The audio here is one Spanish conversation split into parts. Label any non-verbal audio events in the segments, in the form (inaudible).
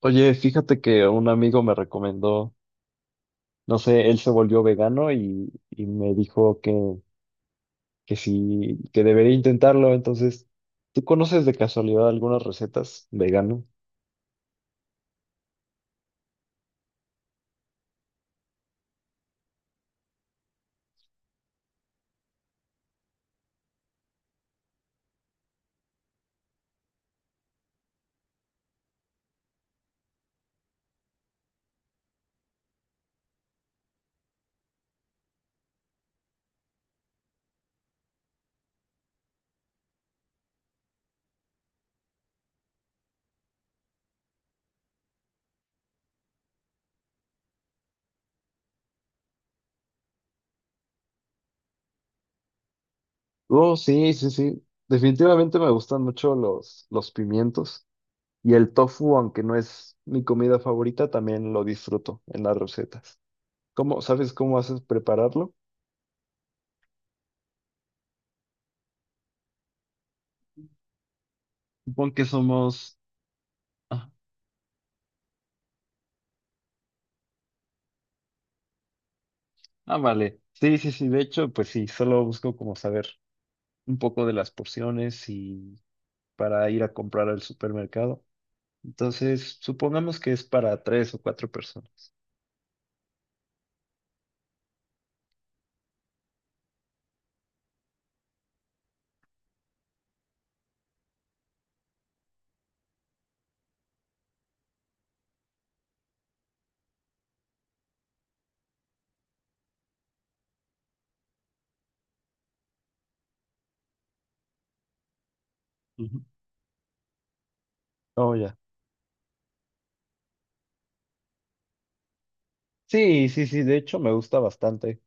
Oye, fíjate que un amigo me recomendó, no sé, él se volvió vegano y me dijo que sí, que debería intentarlo. Entonces, ¿tú conoces de casualidad algunas recetas vegano? Oh, sí, sí, sí. Definitivamente me gustan mucho los pimientos y el tofu, aunque no es mi comida favorita, también lo disfruto en las recetas. ¿Cómo, sabes cómo haces prepararlo? Supongo que somos... Ah, ah, vale. Sí, sí, sí. De hecho, pues sí, solo busco como saber un poco de las porciones y para ir a comprar al supermercado. Entonces, supongamos que es para tres o cuatro personas. Ujú. Oh, ya. Sí, sí, sí, de hecho me gusta bastante.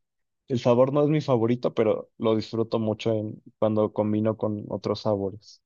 El sabor no es mi favorito, pero lo disfruto mucho en, cuando combino con otros sabores.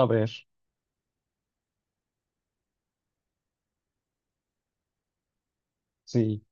A ver, sí.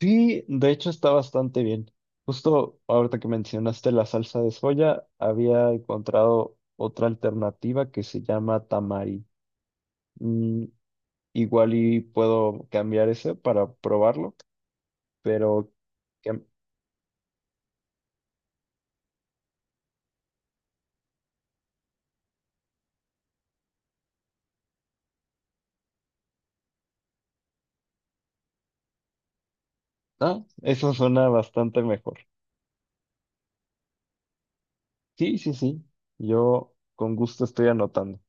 Sí, de hecho está bastante bien. Justo ahorita que mencionaste la salsa de soya, había encontrado otra alternativa que se llama tamari. Mm, Igual y puedo cambiar ese para probarlo, pero que- ah, eso suena bastante mejor. Sí, sí, sí. Yo con gusto estoy anotando.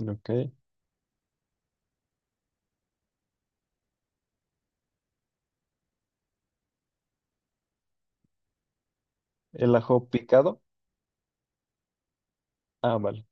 Ok. El ajo picado. Ah, vale.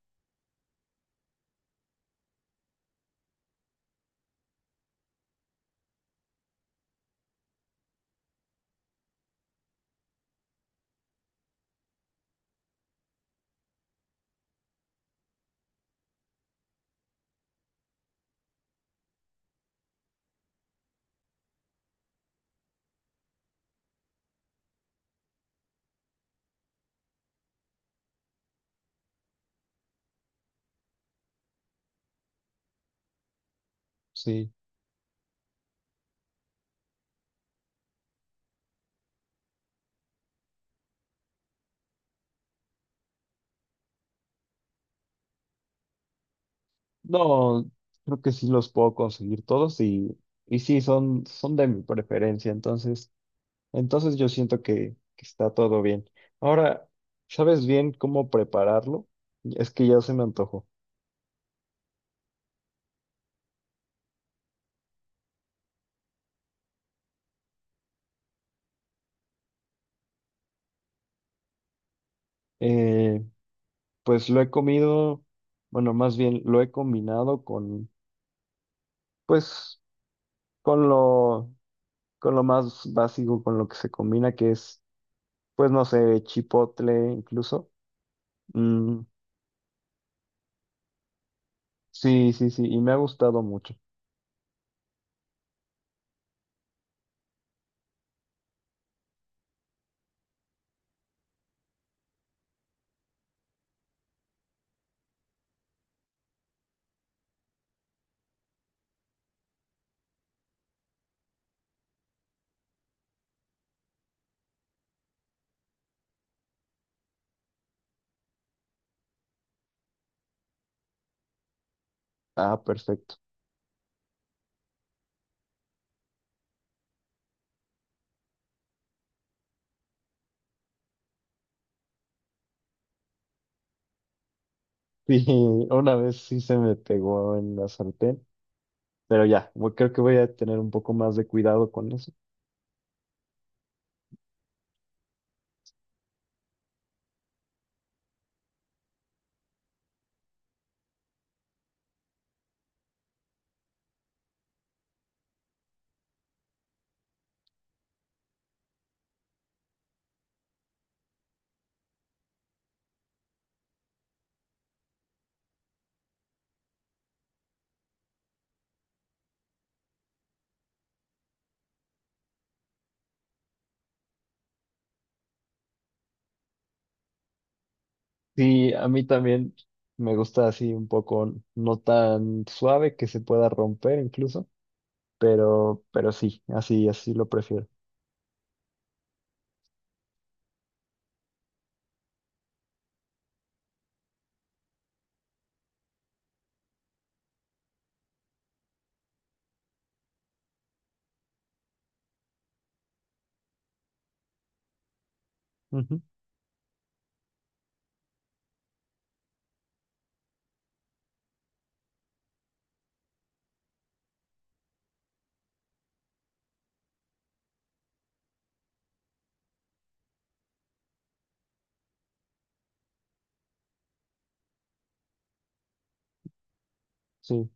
Sí. No, creo que sí los puedo conseguir todos y sí, son, son de mi preferencia. Entonces, entonces yo siento que está todo bien. Ahora, ¿sabes bien cómo prepararlo? Es que ya se me antojó. Eh, Pues lo he comido, bueno, más bien lo he combinado con, pues, con lo, con lo más básico, con lo que se combina, que es, pues, no sé, chipotle incluso. Mm, sí, sí, sí, y me ha gustado mucho. Ah, perfecto. Sí, (laughs) una vez sí se me pegó en la sartén, pero ya, bueno, creo que voy a tener un poco más de cuidado con eso. Sí, a mí también me gusta así un poco, no tan suave que se pueda romper incluso. Pero sí, así, así lo prefiero. Ujú, sí.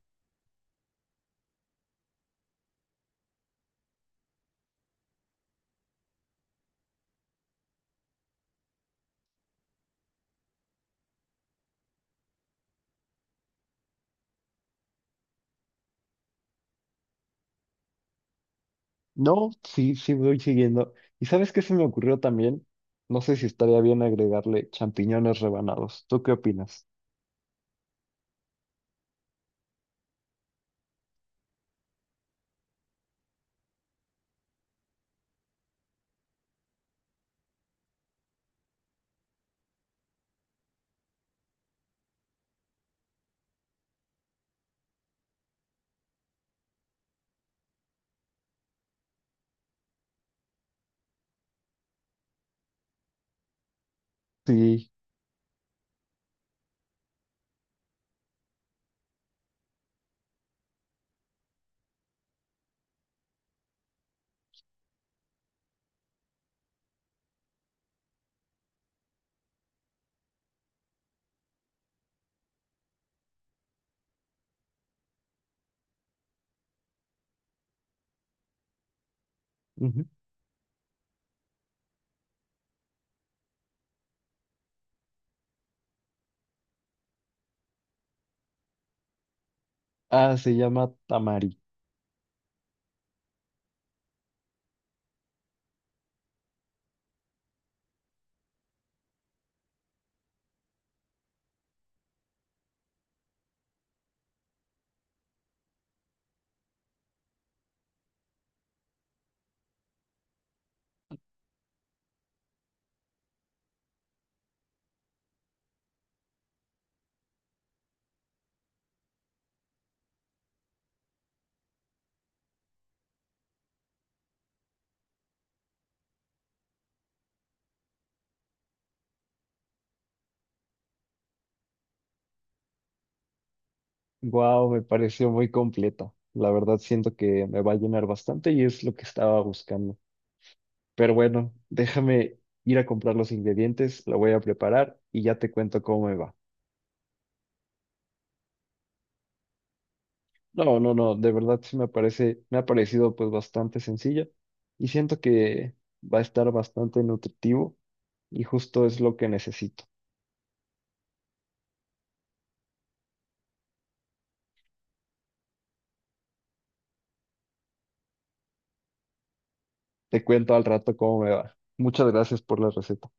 No, sí, sí voy siguiendo. ¿Y sabes qué se me ocurrió también? No sé si estaría bien agregarle champiñones rebanados. ¿Tú qué opinas? Sí. Ujú. Ah, se llama tamari. Wow, me pareció muy completa. La verdad siento que me va a llenar bastante y es lo que estaba buscando. Pero bueno, déjame ir a comprar los ingredientes, lo voy a preparar y ya te cuento cómo me va. No, no, no, de verdad sí me parece, me ha parecido pues bastante sencillo y siento que va a estar bastante nutritivo y justo es lo que necesito. Te cuento al rato cómo me va. Muchas gracias por la receta.